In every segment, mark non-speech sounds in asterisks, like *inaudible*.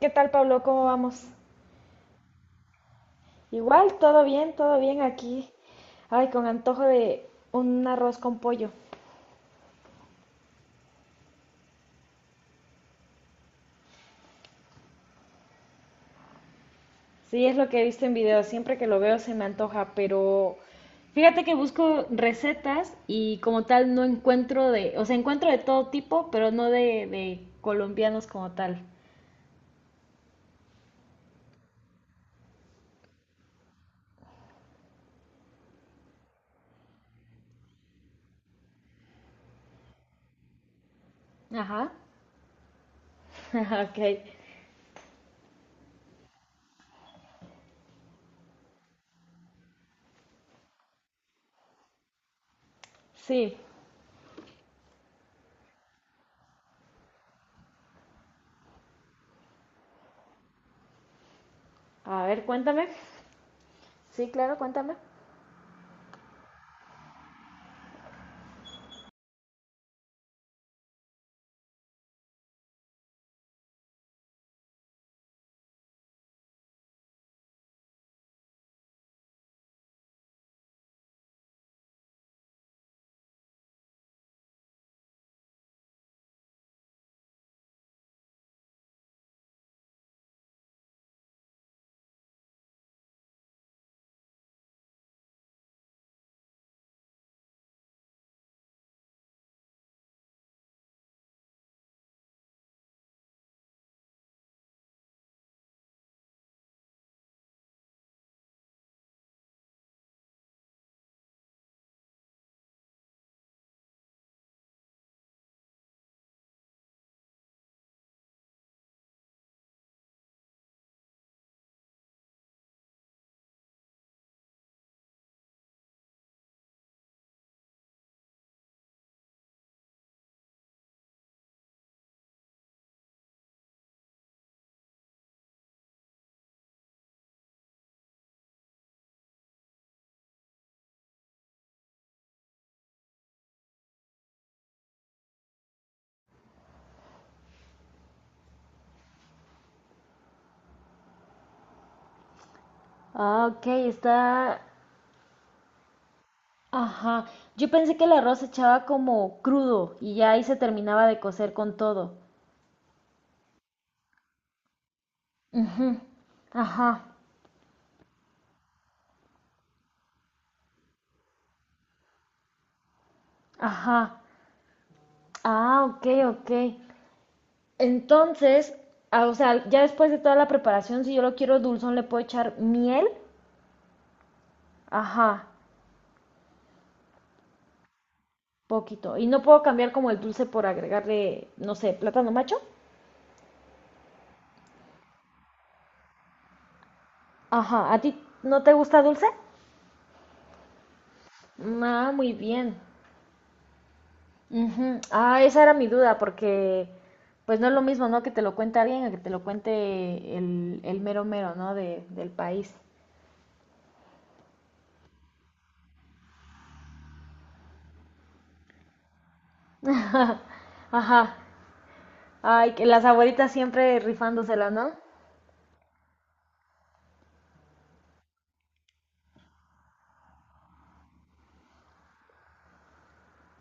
¿Qué tal, Pablo? ¿Cómo vamos? Igual, todo bien aquí. Ay, con antojo de un arroz con pollo. Sí, es lo que he visto en videos. Siempre que lo veo se me antoja, pero fíjate que busco recetas y como tal no encuentro de, o sea, encuentro de todo tipo, pero no de colombianos como tal. Ajá. *laughs* Ok. Sí. A ver, cuéntame. Sí, claro, cuéntame. Ah, ok, está. Ajá, yo pensé que el arroz se echaba como crudo y ya ahí se terminaba de cocer con todo. Ujú. Ajá, ajá. Ah, ok, ok. Entonces, ah, o sea, ya después de toda la preparación, si yo lo quiero dulzón, le puedo echar miel. Ajá, poquito. Y no puedo cambiar como el dulce por agregarle, no sé, plátano macho. Ajá, ¿a ti no te gusta dulce? Ah, muy bien. Ujú. Ah, esa era mi duda, porque pues no es lo mismo, ¿no? Que te lo cuente alguien a que te lo cuente el mero mero, ¿no? De, del país. *laughs* Ajá. Ay, que las abuelitas siempre rifándosela, ¿no?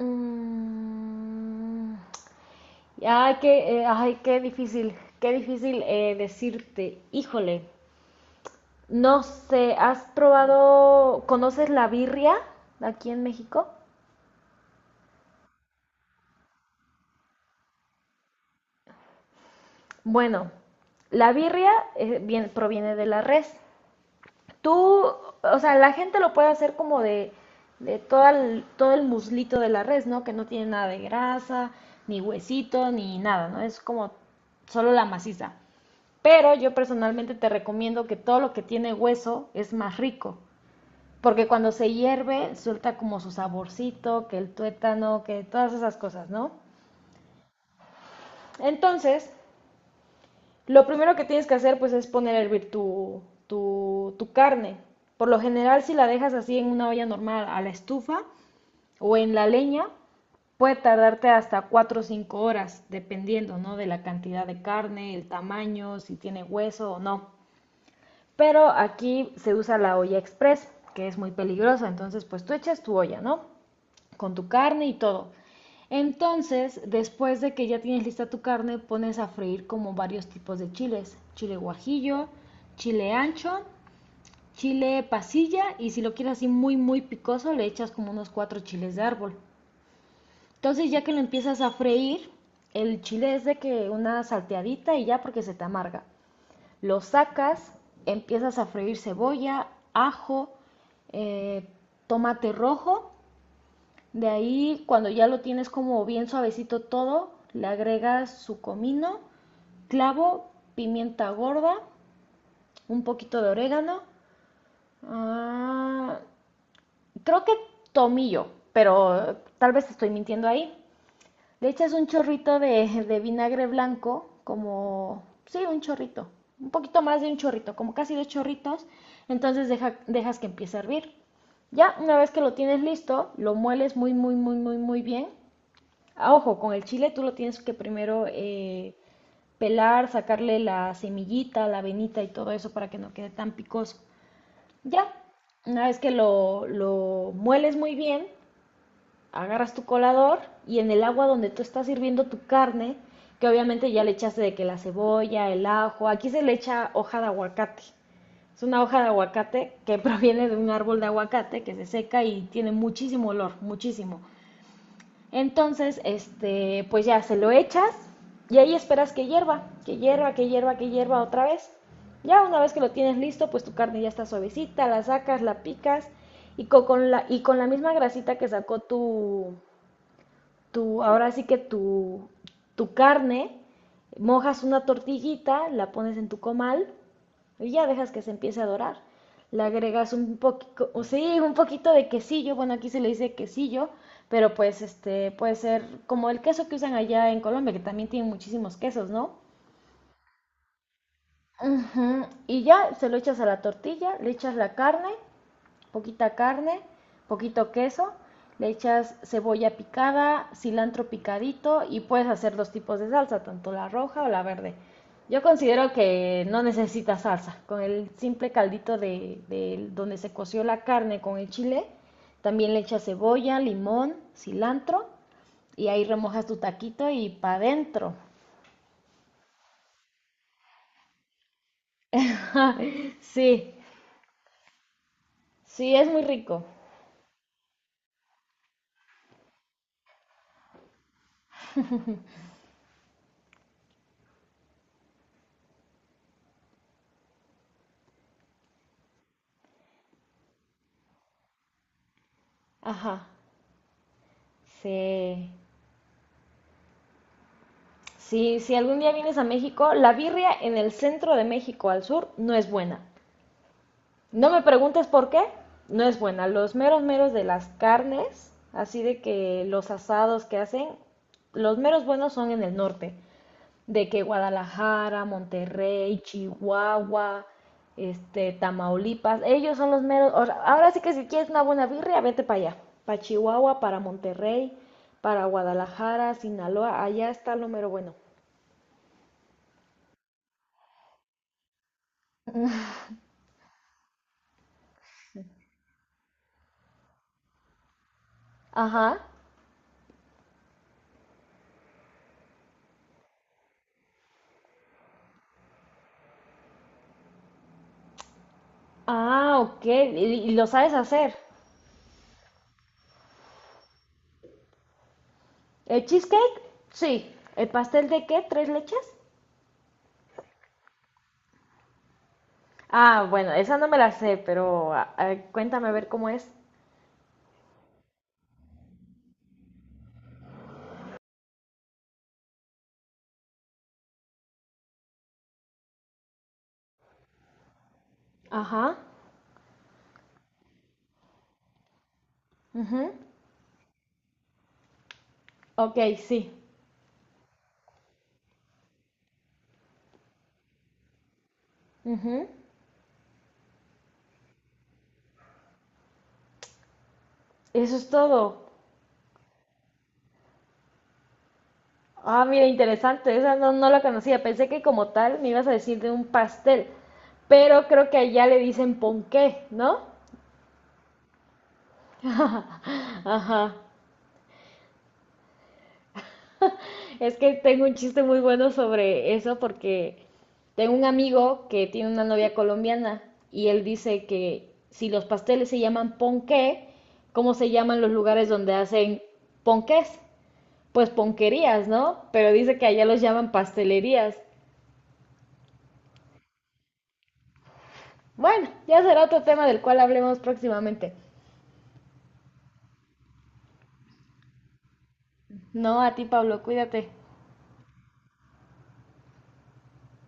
Mm. Ay, qué difícil decirte. Híjole, no sé, ¿has probado, conoces la birria aquí en México? Bueno, la birria proviene de la res. Tú, o sea, la gente lo puede hacer como de todo el muslito de la res, ¿no? Que no tiene nada de grasa, ni huesito, ni nada, ¿no? Es como solo la maciza. Pero yo personalmente te recomiendo que todo lo que tiene hueso es más rico, porque cuando se hierve suelta como su saborcito, que el tuétano, que todas esas cosas, ¿no? Entonces, lo primero que tienes que hacer pues es poner a hervir tu carne. Por lo general si la dejas así en una olla normal a la estufa o en la leña, puede tardarte hasta 4 o 5 horas, dependiendo, ¿no?, de la cantidad de carne, el tamaño, si tiene hueso o no. Pero aquí se usa la olla express, que es muy peligrosa. Entonces, pues tú echas tu olla, ¿no? Con tu carne y todo. Entonces, después de que ya tienes lista tu carne, pones a freír como varios tipos de chiles. Chile guajillo, chile ancho, chile pasilla y si lo quieres así muy, muy picoso, le echas como unos cuatro chiles de árbol. Entonces, ya que lo empiezas a freír, el chile es de que una salteadita y ya porque se te amarga. Lo sacas, empiezas a freír cebolla, ajo, eh, tomate rojo. De ahí, cuando ya lo tienes como bien suavecito todo, le agregas su comino, clavo, pimienta gorda, un poquito de orégano. Ah, creo que tomillo, pero tal vez estoy mintiendo ahí. Le echas un chorrito de vinagre blanco, como, sí, un chorrito, un poquito más de un chorrito, como casi dos chorritos, entonces dejas que empiece a hervir. Ya una vez que lo tienes listo, lo mueles muy, muy, muy, muy, muy bien. Ah, ojo, con el chile tú lo tienes que primero pelar, sacarle la semillita, la venita y todo eso para que no quede tan picoso. Ya, una vez que lo mueles muy bien, agarras tu colador y en el agua donde tú estás hirviendo tu carne, que obviamente ya le echaste de que la cebolla, el ajo, aquí se le echa hoja de aguacate. Es una hoja de aguacate que *laughs* proviene de un árbol de aguacate que se seca y tiene muchísimo olor, muchísimo. Entonces, este, pues ya se lo echas y ahí esperas que hierva, que hierva, que hierva, que hierva otra vez. Ya una vez que lo tienes listo, pues tu carne ya está suavecita, la sacas, la picas y con la misma grasita que sacó tu, tu, ahora sí que tu carne, mojas una tortillita, la pones en tu comal y ya dejas que se empiece a dorar. Le agregas un poquito, sí, un poquito de quesillo, bueno, aquí se le dice quesillo, pero pues este puede ser como el queso que usan allá en Colombia, que también tienen muchísimos quesos, ¿no? Ujú. Y ya se lo echas a la tortilla, le echas la carne, poquita carne, poquito queso, le echas cebolla picada, cilantro picadito y puedes hacer dos tipos de salsa, tanto la roja o la verde. Yo considero que no necesita salsa, con el simple caldito de donde se coció la carne con el chile, también le echas cebolla, limón, cilantro y ahí remojas tu taquito y pa' dentro. Sí, sí, es muy rico. Ajá, sí. Si, si algún día vienes a México, la birria en el centro de México al sur no es buena. No me preguntes por qué, no es buena. Los meros meros de las carnes, así de que los asados que hacen, los meros buenos son en el norte, de que Guadalajara, Monterrey, Chihuahua, este, Tamaulipas, ellos son los meros. O sea, ahora sí que si quieres una buena birria, vete para allá, para Chihuahua, para Monterrey, para Guadalajara, Sinaloa, allá está lo mero bueno. Ajá. Ah, ok. Y lo sabes hacer? ¿El cheesecake? Sí. ¿El pastel de qué? ¿Tres leches? Ah, bueno, esa no me la sé, pero a cuéntame a ver cómo es. Ajá. Ujú. Ok, sí. Ujú. Eso es todo. Ah, mira, interesante. Esa no, no la conocía. Pensé que como tal me ibas a decir de un pastel, pero creo que allá le dicen ponqué, ¿no? Ajá. Es que tengo un chiste muy bueno sobre eso porque tengo un amigo que tiene una novia colombiana y él dice que si los pasteles se llaman ponqué, ¿cómo se llaman los lugares donde hacen ponqués? Pues ponquerías, ¿no? Pero dice que allá los llaman pastelerías. Bueno, ya será otro tema del cual hablemos próximamente. No, a ti, Pablo, cuídate.